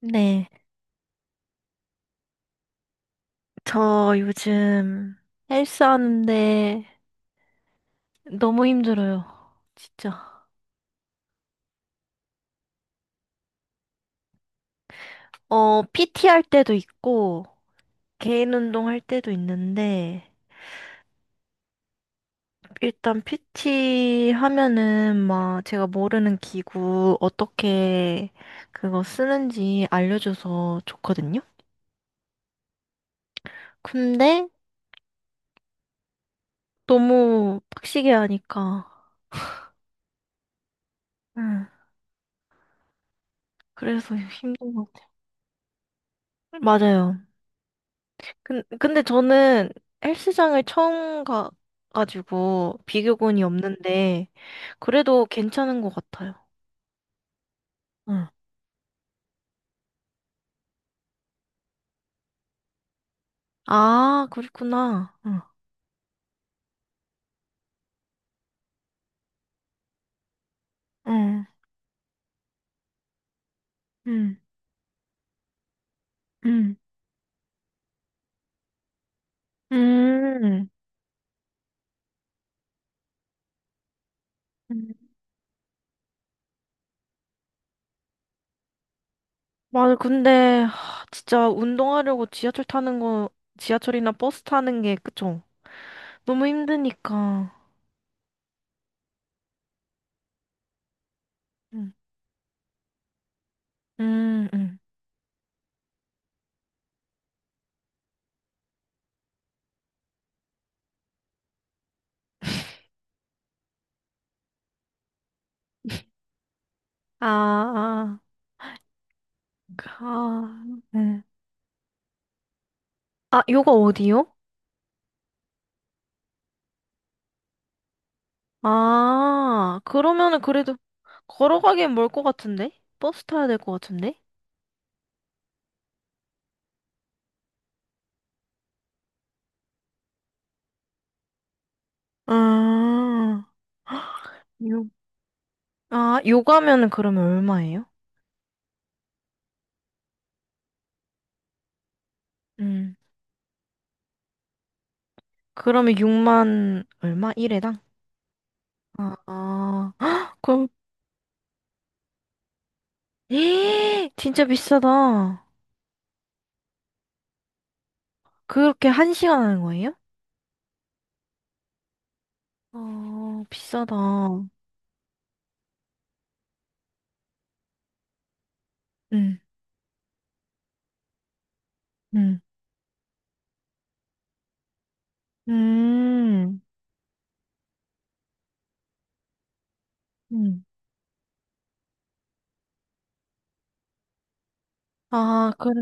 네, 저 요즘 헬스 하는데 너무 힘들어요. 진짜. 어, PT 할 때도 있고, 개인 운동 할 때도 있는데, 일단 PT 하면은 막 제가 모르는 기구 어떻게 그거 쓰는지 알려줘서 좋거든요. 근데 너무 빡시게 하니까, 응, 그래서 힘든 것 같아요. 맞아요. 근데 저는 헬스장을 처음 가가지고 비교군이 없는데 그래도 괜찮은 것 같아요. 응, 아, 그렇구나. 응, 응, 응, 응, 응. 응. 맞아, 근데 하, 진짜 운동하려고 지하철 타는 거, 지하철이나 버스 타는 게 그쵸? 너무 힘드니까. 응. 응 응. 아, 아, 아, 응. 아, 요거 어디요? 아, 그러면은 그래도 걸어가기엔 멀 것 같은데? 버스 타야 될 것 같은데? 아, 요, 아, 요가면은 그러면 얼마예요? 음, 그러면 6만 얼마? 1회당? 아, 아, 헉, 그럼, 에이, 진짜 비싸다. 그렇게 한 시간 하는 거예요? 어, 비싸다. 음, 음, 음, 음. 아, 그래.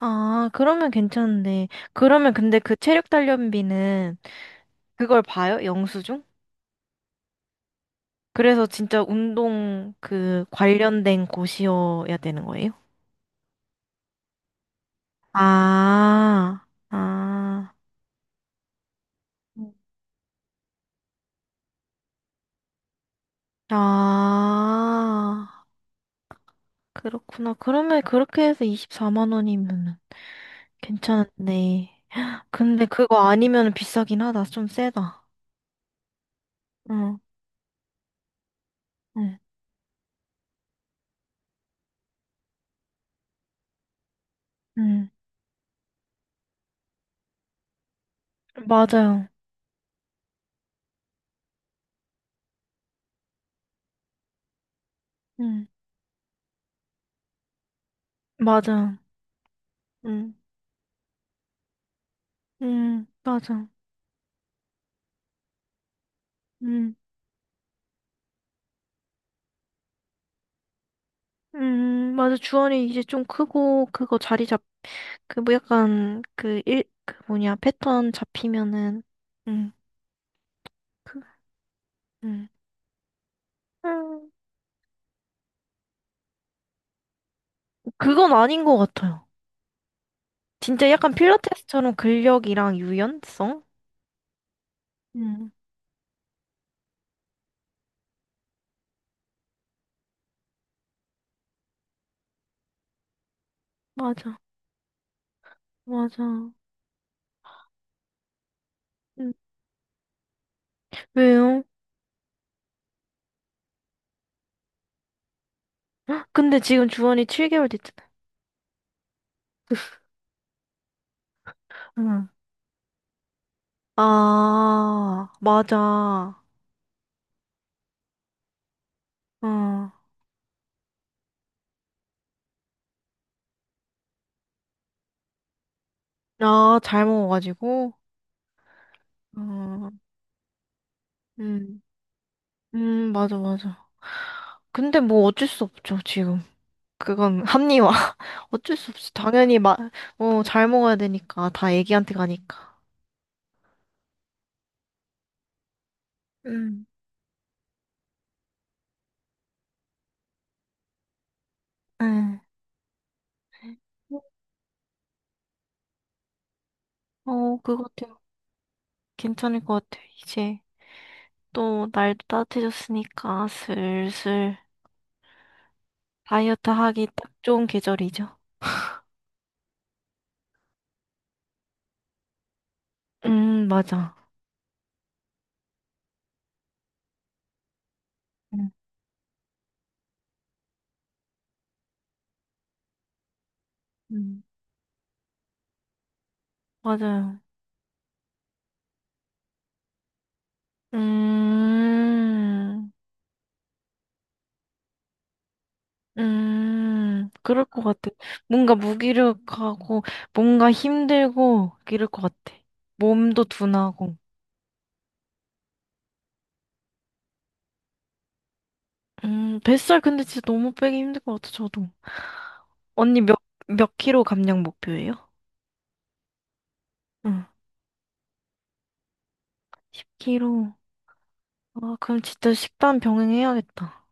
아, 그러면 괜찮은데. 그러면 근데 그 체력 단련비는 그걸 봐요? 영수증? 그래서 진짜 운동 그 관련된 곳이어야 되는 거예요? 아, 아, 음. 아, 그렇구나. 그러면 그렇게 해서 24만 원이면 괜찮은데. 근데 그거 아니면 비싸긴 하다. 좀 세다. 응, 응, 응. 맞아요. 응, 맞아. 응, 응, 맞아. 음, 맞아. 주원이 이제 좀 크고, 그거 자리 잡, 그, 뭐 약간, 그, 일, 그 뭐냐, 패턴 잡히면은, 음, 그, 음. 음, 그건 아닌 것 같아요. 진짜 약간 필라테스처럼 근력이랑 유연성? 음, 맞아, 맞아. 음, 왜요? 헉, 근데 지금 주원이 7개월 됐잖아. 응. 아, 맞아. 어. 아, 잘 먹어가지고. 어. 음, 맞아, 맞아. 근데 뭐 어쩔 수 없죠, 지금. 그건 합리화. 어쩔 수 없이. 당연히 마, 어, 잘 먹어야 되니까. 다 애기한테 가니까. 음. 응. 어, 그거 같아요. 괜찮을 것 같아요. 이제 또 날도 따뜻해졌으니까 슬슬 다이어트 하기 딱 좋은 계절이죠. 맞아. 음. 음. 맞아요. 음. 그럴 것 같아. 뭔가 무기력하고, 뭔가 힘들고, 이럴 것 같아. 몸도 둔하고. 뱃살 근데 진짜 너무 빼기 힘들 것 같아, 저도. 언니 몇, 몇 킬로 감량 목표예요? 응, 10kg. 아, 그럼 진짜 식단 병행해야겠다.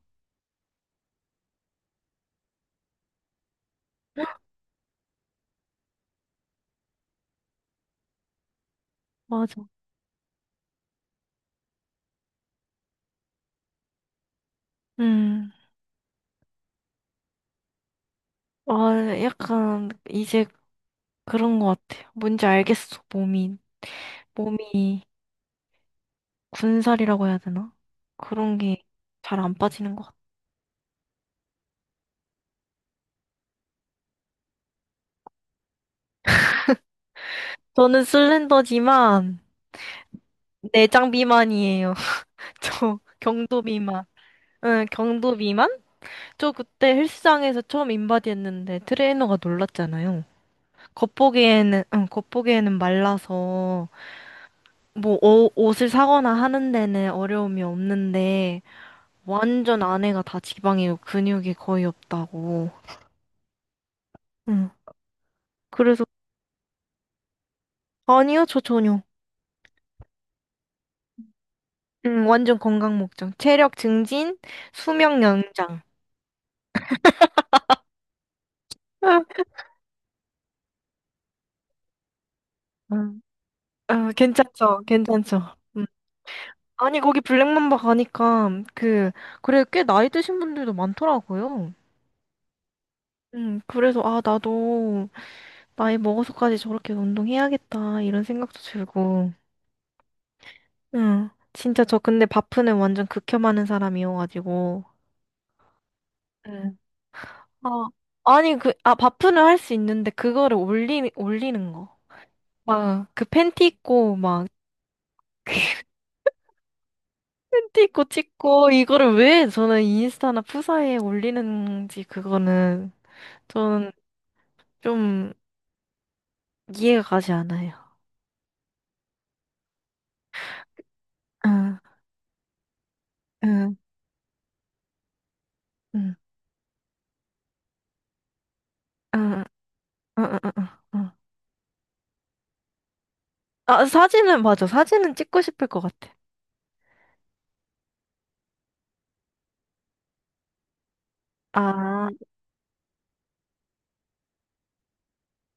맞아. 음, 아, 약간, 이제 그런 것 같아. 뭔지 알겠어, 몸이. 몸이 군살이라고 해야 되나? 그런 게 잘 안 빠지는 것 같아. 저는 슬렌더지만 내장 비만이에요. 저 경도 비만. 응, 경도 비만? 저 그때 헬스장에서 처음 인바디 했는데 트레이너가 놀랐잖아요. 겉보기에는, 응, 겉보기에는 말라서 뭐 옷을 사거나 하는 데는 어려움이 없는데 완전 안에가 다 지방이고 근육이 거의 없다고. 응. 그래서 아니요, 저 전혀. 응, 완전 건강 목적. 체력 증진, 수명 연장. 어, 괜찮죠, 괜찮죠. 음. 아니, 거기 블랙맘바 가니까, 그, 그래, 꽤 나이 드신 분들도 많더라고요. 그래서, 아, 나도, 나이 먹어서까지 저렇게 운동해야겠다, 이런 생각도 들고. 응, 진짜 저 근데 바프는 완전 극혐하는 사람이어가지고. 응. 아, 아니, 그, 아, 바프는 할 수 있는데, 그거를 올리는 거. 막, 그 팬티 입고, 막, 팬티 입고 찍고, 이거를 왜 저는 인스타나 푸사에 올리는지, 그거는. 저는 좀 이해가 가지 않아요. 응, 응, 응, 응, 응, 응, 응. 응. 아, 사진은 맞아. 사진은 찍고 싶을 것 같아. 아,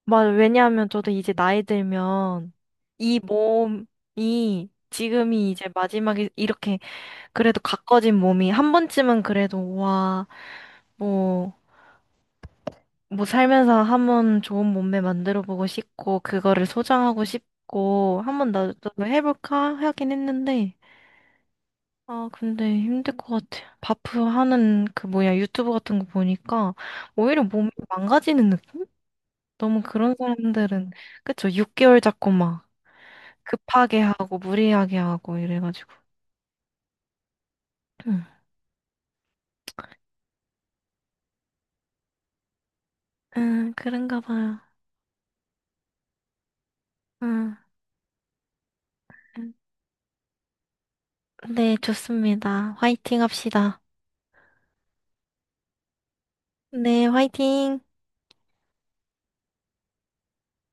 맞아. 왜냐하면 저도 이제 나이 들면 이 몸이 지금이 이제 마지막에 이렇게 그래도 가꿔진 몸이 한 번쯤은 그래도 와, 뭐, 뭐 살면서 한 번 좋은 몸매 만들어 보고 싶고 그거를 소장하고 싶고 한 번 나도 해볼까 하긴 했는데 아, 근데 힘들 것 같아. 바프 하는 그 뭐야 유튜브 같은 거 보니까 오히려 몸이 망가지는 느낌? 너무 그런 사람들은 그쵸? 6개월 잡고 막 급하게 하고 무리하게 하고 이래가지고. 응, 응, 그런가 봐요. 응. 응. 네, 좋습니다. 화이팅 합시다. 네, 화이팅.